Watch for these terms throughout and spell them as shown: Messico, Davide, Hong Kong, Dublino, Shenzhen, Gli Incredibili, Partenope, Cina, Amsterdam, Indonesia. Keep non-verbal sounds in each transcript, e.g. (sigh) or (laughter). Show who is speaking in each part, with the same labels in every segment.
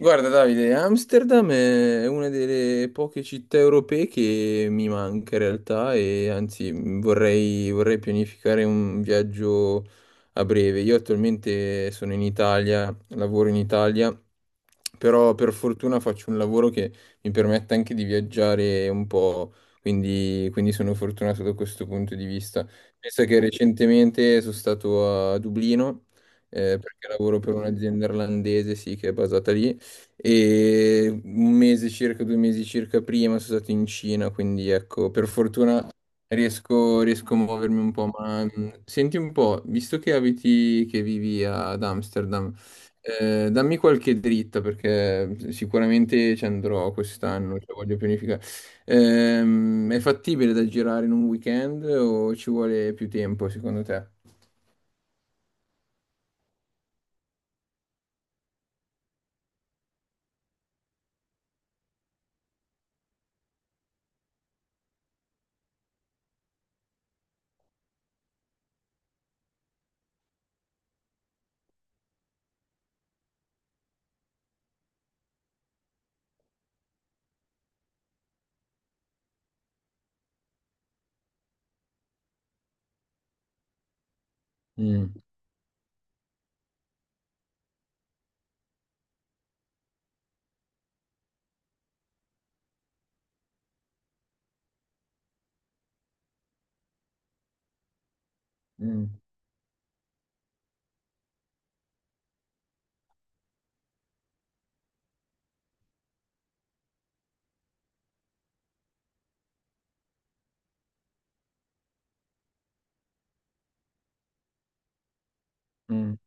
Speaker 1: Guarda Davide, Amsterdam è una delle poche città europee che mi manca in realtà, e anzi vorrei pianificare un viaggio a breve. Io attualmente sono in Italia, lavoro in Italia, però per fortuna faccio un lavoro che mi permette anche di viaggiare un po', quindi sono fortunato da questo punto di vista. Penso che recentemente sono stato a Dublino, perché lavoro per un'azienda irlandese, sì, che è basata lì, e un mese circa, due mesi circa prima sono stato in Cina, quindi ecco, per fortuna riesco a muovermi un po'. Ma senti un po', visto che vivi ad Amsterdam, dammi qualche dritta perché sicuramente ci andrò quest'anno, cioè voglio pianificare. È fattibile da girare in un weekend o ci vuole più tempo secondo te? Mm, mm, mm.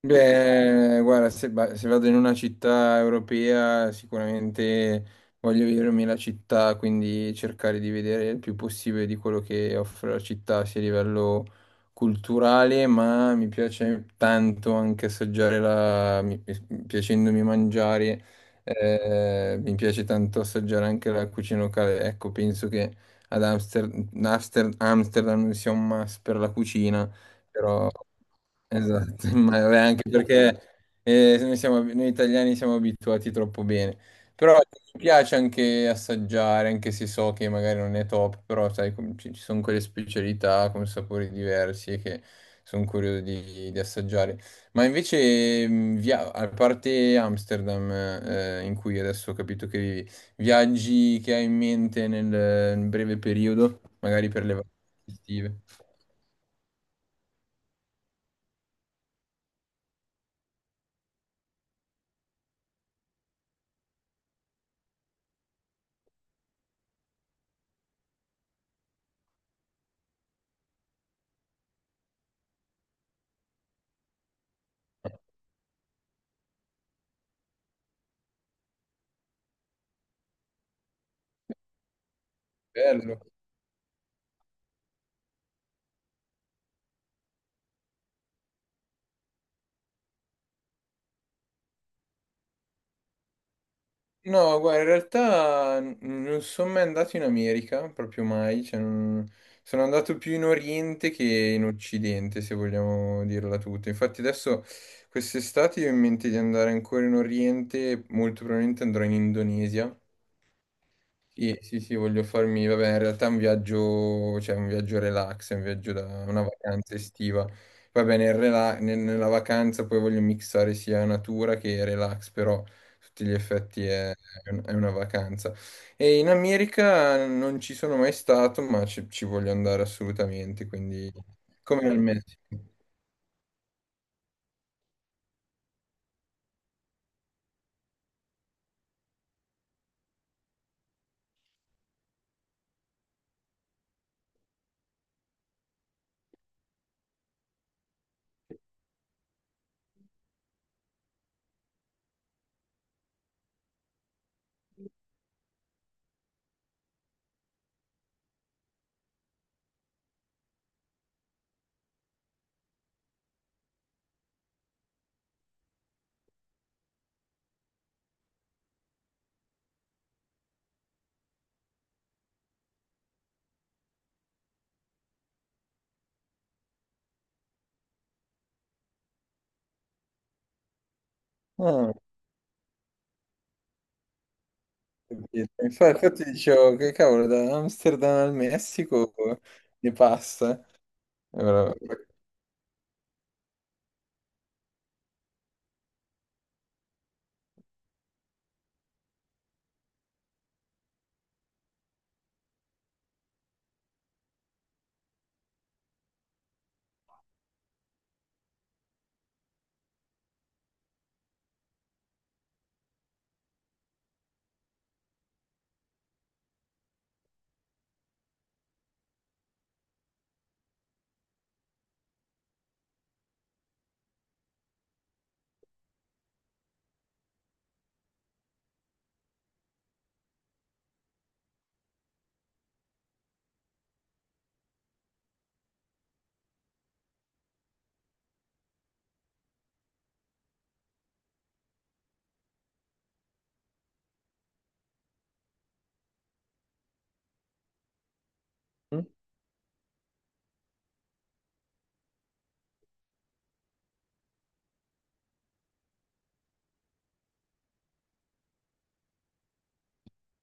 Speaker 1: Beh, guarda, se vado in una città europea sicuramente voglio vedermi la città, quindi cercare di vedere il più possibile di quello che offre la città, sia a livello culturale, ma mi piace tanto anche assaggiare piacendomi mangiare, mi piace tanto assaggiare anche la cucina locale. Ecco, penso che ad Amsterdam sia un must per la cucina. Però, esatto, (laughs) ma vabbè, anche perché noi italiani siamo abituati troppo bene. Però mi piace anche assaggiare, anche se so che magari non è top, però sai, ci sono quelle specialità con sapori diversi e che sono curioso di assaggiare. Ma invece, a parte Amsterdam, in cui adesso ho capito che vivi, viaggi che hai in mente nel breve periodo, magari per le vacanze estive. Bello. No, guarda, in realtà non sono mai andato in America, proprio mai, cioè, sono andato più in Oriente che in Occidente, se vogliamo dirla tutta. Infatti adesso quest'estate io ho in mente di andare ancora in Oriente, molto probabilmente andrò in Indonesia. Sì, sì, sì, voglio farmi, vabbè, in realtà è un viaggio, cioè un viaggio relax, è un viaggio da una vacanza estiva. Va bene, nella vacanza poi voglio mixare sia natura che relax, però a tutti gli effetti è una vacanza. E in America non ci sono mai stato, ma ci voglio andare assolutamente, quindi come al Messico. Ah, ho capito. Infatti dicevo che cavolo, da Amsterdam al Messico ne passa. Allora,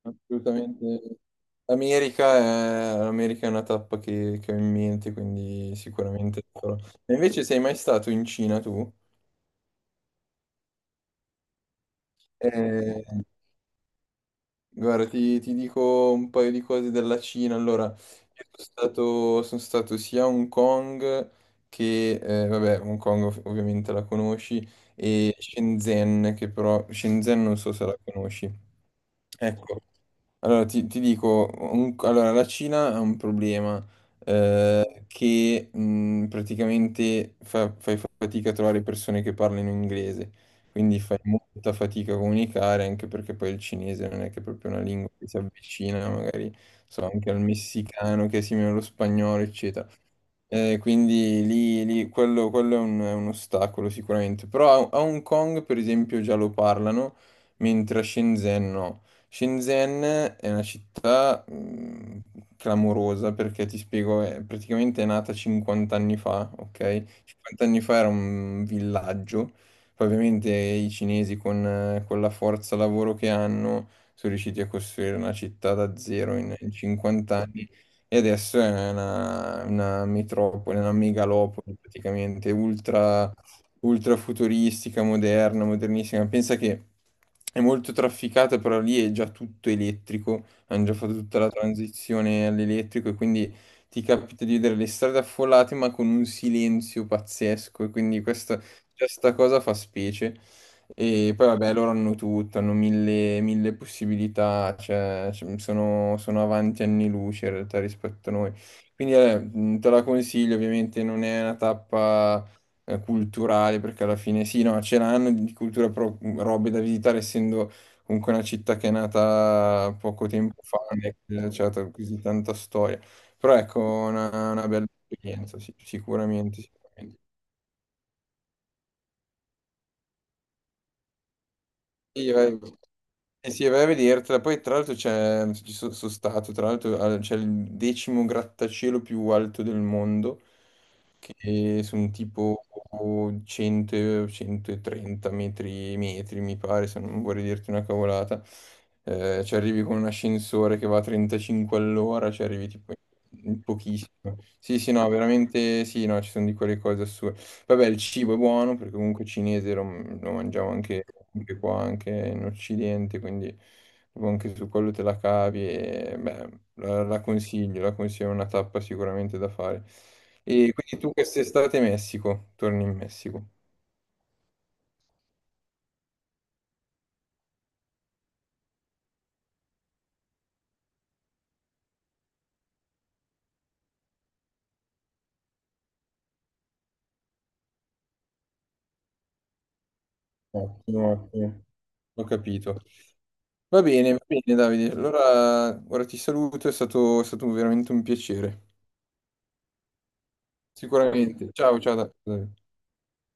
Speaker 1: assolutamente. L'America è una tappa che ho in mente, quindi sicuramente lo farò. E invece sei mai stato in Cina tu? Eh, guarda, ti dico un paio di cose della Cina. Allora, io sono stato sia a Hong Kong che, vabbè, Hong Kong ovviamente la conosci, e Shenzhen, che però Shenzhen non so se la conosci. Ecco, allora, ti dico, allora, la Cina ha un problema. Mm. Che praticamente fai fatica a trovare persone che parlino inglese, quindi fai molta fatica a comunicare, anche perché poi il cinese non è che è proprio una lingua che si avvicina magari so, anche al messicano che è simile allo spagnolo, eccetera. Quindi quello è un ostacolo sicuramente, però a Hong Kong per esempio già lo parlano, mentre a Shenzhen no. Shenzhen è una città clamorosa perché ti spiego, è praticamente è nata 50 anni fa, ok? 50 anni fa era un villaggio, poi ovviamente i cinesi con la forza lavoro che hanno sono riusciti a costruire una città da zero in 50 anni, e adesso è una metropoli, una megalopoli praticamente, ultra, ultra futuristica, moderna, modernissima. Pensa che è molto trafficata, però lì è già tutto elettrico, hanno già fatto tutta la transizione all'elettrico, e quindi ti capita di vedere le strade affollate ma con un silenzio pazzesco, e quindi questa cosa fa specie. E poi vabbè, loro hanno tutto, hanno mille possibilità, cioè, sono avanti anni luce in realtà rispetto a noi. Quindi te la consiglio, ovviamente non è una tappa culturale, perché alla fine sì, no, ce l'hanno di cultura, però robe da visitare, essendo comunque una città che è nata poco tempo fa, non è che c'è stata così tanta storia. Però ecco, una bella esperienza, sì, sicuramente, sicuramente. Sì, vai. Eh sì, vai a vedertela. Poi, tra l'altro, sono stato, tra l'altro, c'è il decimo grattacielo più alto del mondo, che sono tipo 100, 130 metri, mi pare, se non vorrei dirti una cavolata. Ci arrivi con un ascensore che va a 35 all'ora, ci arrivi tipo in pochissimo. Sì, sì, no, veramente sì, no, ci sono di quelle cose assurde. Vabbè, il cibo è buono perché comunque cinese lo mangiamo anche qua, anche in Occidente, quindi proprio anche su quello te la cavi. E beh, la consiglio, la consiglio, è una tappa sicuramente da fare. E quindi tu quest'estate in Messico, torni in Messico. Ottimo, ottimo, ho capito. Va bene Davide, allora ora ti saluto, è stato veramente un piacere. Sicuramente. Ciao, ciao Davide.